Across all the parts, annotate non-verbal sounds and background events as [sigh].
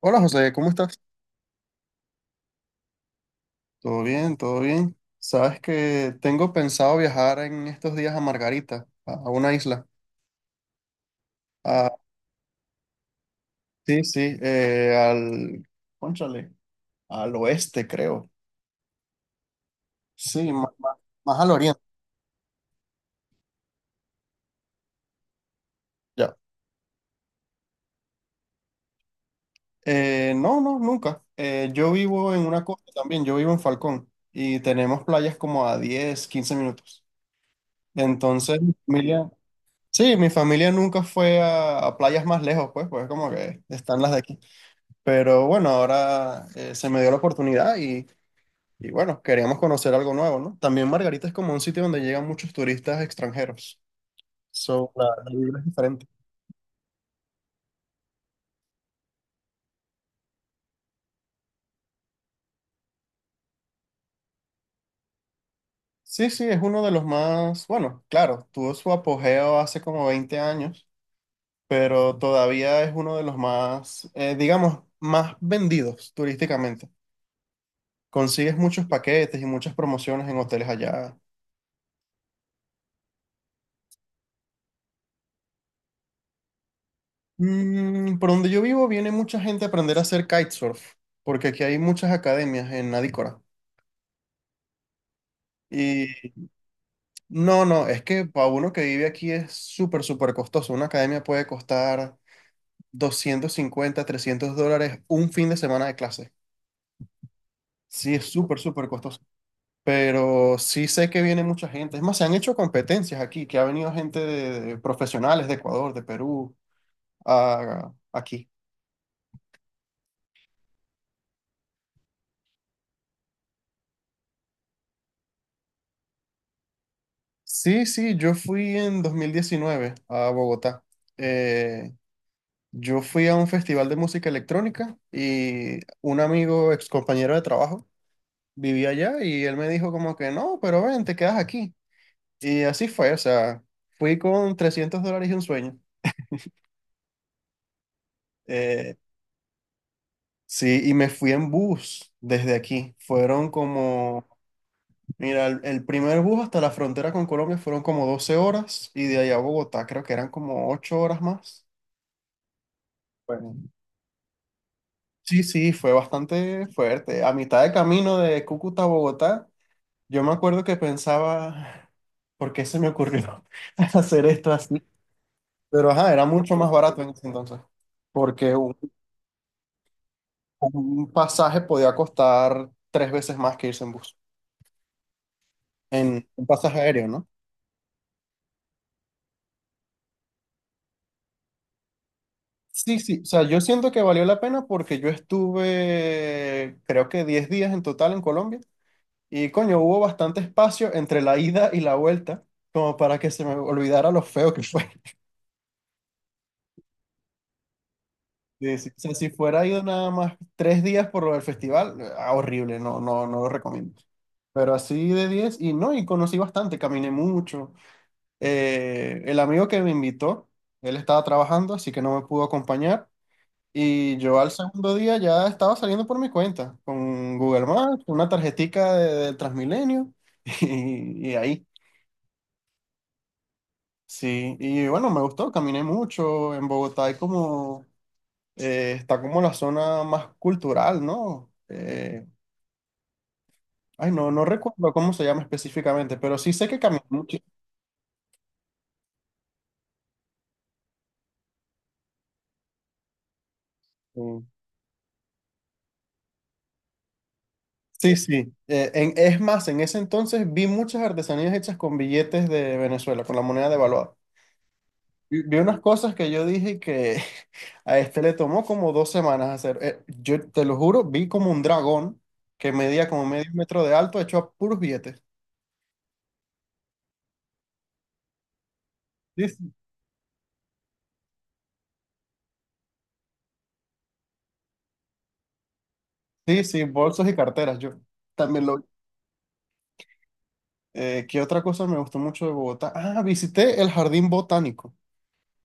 Hola José, ¿cómo estás? Todo bien, todo bien. Sabes que tengo pensado viajar en estos días a Margarita, a una isla. Ah, sí, sí, cónchale, al oeste creo. Sí, más al oriente. Ya. No, no, nunca. Yo vivo en una costa también, yo vivo en Falcón y tenemos playas como a 10, 15 minutos. Entonces, mi familia, sí, mi familia nunca fue a playas más lejos, pues como que están las de aquí. Pero bueno, ahora se me dio la oportunidad y, bueno, queríamos conocer algo nuevo, ¿no? También Margarita es como un sitio donde llegan muchos turistas extranjeros. So, la vibra es diferente. Sí, sí, es uno de los más, bueno, claro, tuvo su apogeo hace como 20 años, pero todavía es uno de los más, digamos, más vendidos turísticamente. Consigues muchos paquetes y muchas promociones en hoteles allá. Por donde yo vivo viene mucha gente a aprender a hacer kitesurf, porque aquí hay muchas academias en Adícora. Y no, no, es que para uno que vive aquí es súper, súper costoso. Una academia puede costar 250 $300 un fin de semana de clase. Sí, es súper, súper costoso. Pero sí sé que viene mucha gente. Es más, se han hecho competencias aquí, que ha venido gente de profesionales de Ecuador, de Perú, aquí. Sí, sí, yo fui en 2019 a Bogotá. Eh, yo fui a un festival de música electrónica y un amigo, ex compañero de trabajo, vivía allá y él me dijo como que no, pero ven, te quedas aquí. Y así fue, o sea, fui con $300 y un sueño. Eh, sí, y me fui en bus desde aquí. Fueron como, mira, el primer bus hasta la frontera con Colombia fueron como 12 horas y de allá a Bogotá creo que eran como 8 horas más. Sí, sí, fue bastante fuerte. A mitad de camino de Cúcuta a Bogotá, yo me acuerdo que pensaba, ¿por qué se me ocurrió [laughs] hacer esto así? Pero ajá, era mucho más barato en ese entonces, porque un pasaje podía costar tres veces más que irse en bus, en un pasaje aéreo, ¿no? Sí, sí, o sea, yo siento que valió la pena porque yo estuve, creo que 10 días en total en Colombia. Y coño, hubo bastante espacio entre la ida y la vuelta, como para que se me olvidara lo feo que fue. [laughs] Sí, sí. O sea, si fuera ido nada más 3 días por lo del festival, ah, horrible, no, no, no lo recomiendo. Pero así de 10 y no, y conocí bastante, caminé mucho. El amigo que me invitó, él estaba trabajando, así que no me pudo acompañar. Y yo al segundo día ya estaba saliendo por mi cuenta, con Google Maps, una tarjetica del Transmilenio [laughs] y, ahí. Sí, y bueno, me gustó, caminé mucho. En Bogotá hay como, está como la zona más cultural, ¿no? Ay, no, no recuerdo cómo se llama específicamente, pero sí sé que caminé mucho. Mm. Sí, sí. Es más, en ese entonces vi muchas artesanías hechas con billetes de Venezuela, con la moneda devaluada. Vi unas cosas que yo dije que [laughs] a este le tomó como 2 semanas hacer. Yo te lo juro, vi como un dragón que medía como medio metro de alto hecho a puros billetes. Sí, sí, bolsos y carteras, yo también lo... ¿Qué otra cosa me gustó mucho de Bogotá? Ah, visité el jardín botánico.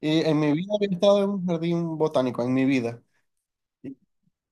Y en mi vida había estado en un jardín botánico, en mi vida. Y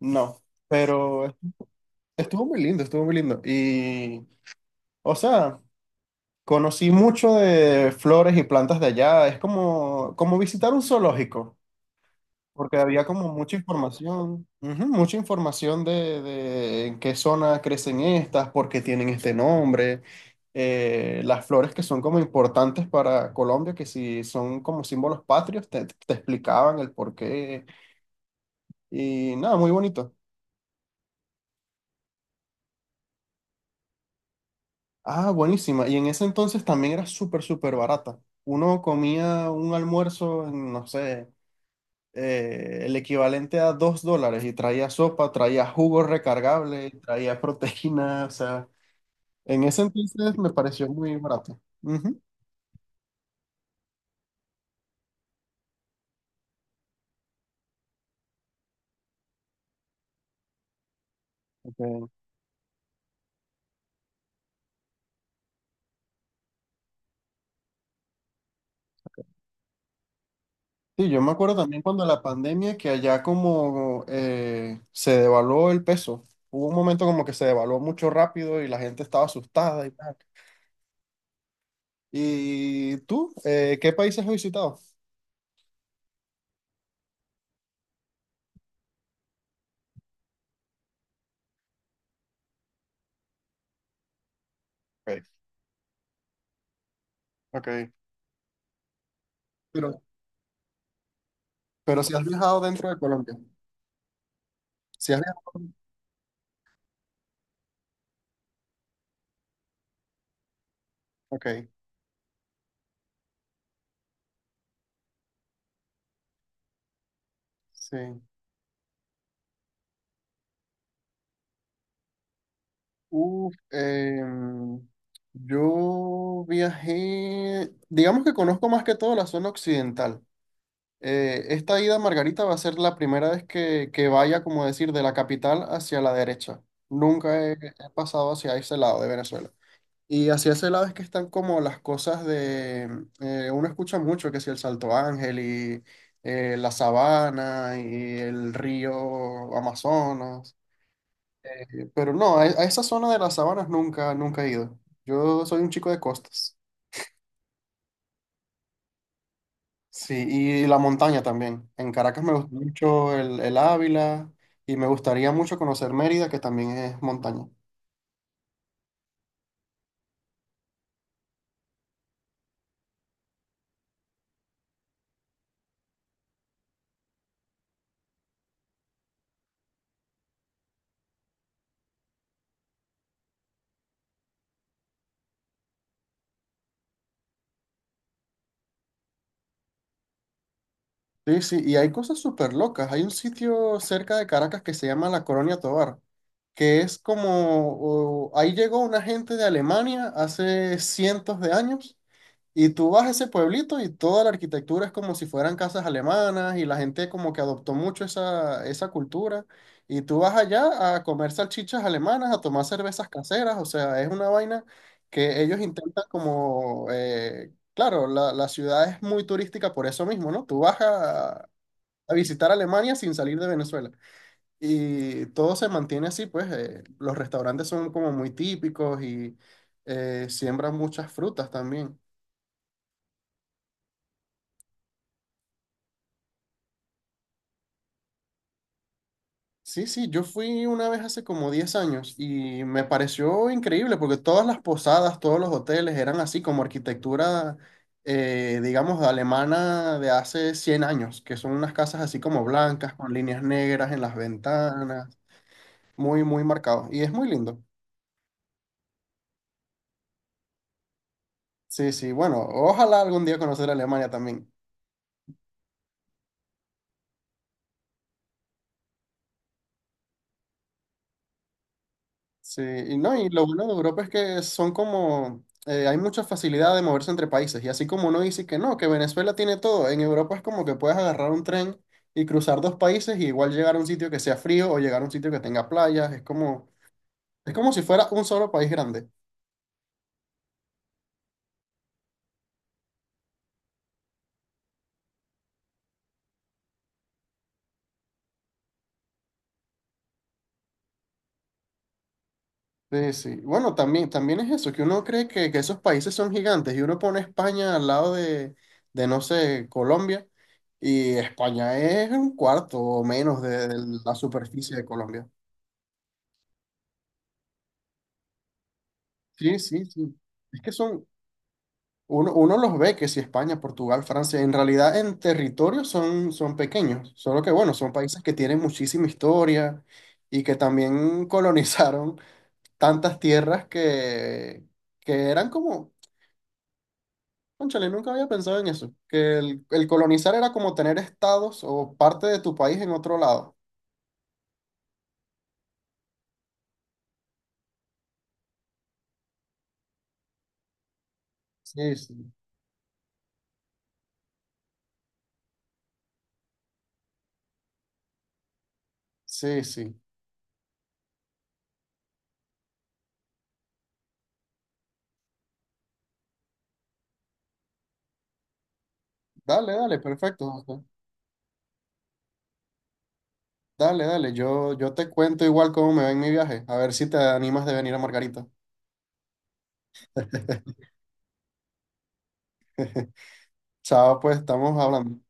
No, pero estuvo muy lindo, estuvo muy lindo. Y, o sea, conocí mucho de flores y plantas de allá. Es como, como visitar un zoológico. Porque había como mucha información, ujú, mucha información de en qué zona crecen estas, por qué tienen este nombre, las flores que son como importantes para Colombia, que si son como símbolos patrios, te explicaban el por qué y nada, muy bonito. Ah, buenísima. Y en ese entonces también era súper, súper barata. Uno comía un almuerzo, no sé, el equivalente a $2 y traía sopa, traía jugo recargable, traía proteína, o sea, en ese entonces me pareció muy barato. Ujú, ok. Sí, yo me acuerdo también cuando la pandemia que allá como se devaluó el peso, hubo un momento como que se devaluó mucho rápido y la gente estaba asustada y tal. ¿Y tú, qué países has visitado? Okay, okay. Pero, pero si has viajado dentro de Colombia, si has viajado, ok, sí. Uf, yo viajé, digamos que conozco más que todo la zona occidental. Esta ida a Margarita va a ser la primera vez que, vaya, como decir, de la capital hacia la derecha. Nunca he pasado hacia ese lado de Venezuela. Y hacia ese lado es que están como las cosas uno escucha mucho que si el Salto Ángel y la sabana y el río Amazonas. Pero no, a esa zona de las sabanas nunca, nunca he ido. Yo soy un chico de costas. Sí, y la montaña también. En Caracas me gusta mucho el Ávila y me gustaría mucho conocer Mérida, que también es montaña. Sí, sí, y hay cosas súper locas. Hay un sitio cerca de Caracas que se llama La Colonia Tovar, que es como, ahí llegó una gente de Alemania hace cientos de años. Y tú vas a ese pueblito y toda la arquitectura es como si fueran casas alemanas y la gente como que adoptó mucho esa cultura. Y tú vas allá a comer salchichas alemanas, a tomar cervezas caseras, o sea, es una vaina que ellos intentan como, claro, la ciudad es muy turística por eso mismo, ¿no? Tú vas a visitar Alemania sin salir de Venezuela. Y todo se mantiene así, pues los restaurantes son como muy típicos y siembran muchas frutas también. Sí, sí, yo fui una vez hace como 10 años y me pareció increíble porque todas las posadas, todos los hoteles eran así como arquitectura, digamos, alemana de hace 100 años, que son unas casas así como blancas, con líneas negras en las ventanas, muy, muy marcados. Y es muy lindo. Sí, sí, bueno, ojalá algún día conocer Alemania también. Sí, y no, y lo bueno de Europa es que son como, hay mucha facilidad de moverse entre países, y así como uno dice que no, que Venezuela tiene todo, en Europa es como que puedes agarrar un tren y cruzar dos países y igual llegar a un sitio que sea frío o llegar a un sitio que tenga playas, es como si fuera un solo país grande. Sí, sí. Bueno, también, también es eso, que uno cree que, esos países son gigantes y uno pone España al lado de no sé, Colombia, y España es un cuarto o menos de la superficie de Colombia. Sí, sí, sí. Es que son, uno los ve que si España, Portugal, Francia, en realidad en territorio son pequeños, solo que bueno, son países que tienen muchísima historia y que también [laughs] colonizaron tantas tierras que eran como, cónchale, nunca había pensado en eso, que el colonizar era como tener estados o parte de tu país en otro lado. Sí, sí, sí, sí. Dale, dale, perfecto. Dale, dale, yo te cuento igual cómo me va en mi viaje, a ver si te animas de venir a Margarita. [laughs] Chao, pues estamos hablando.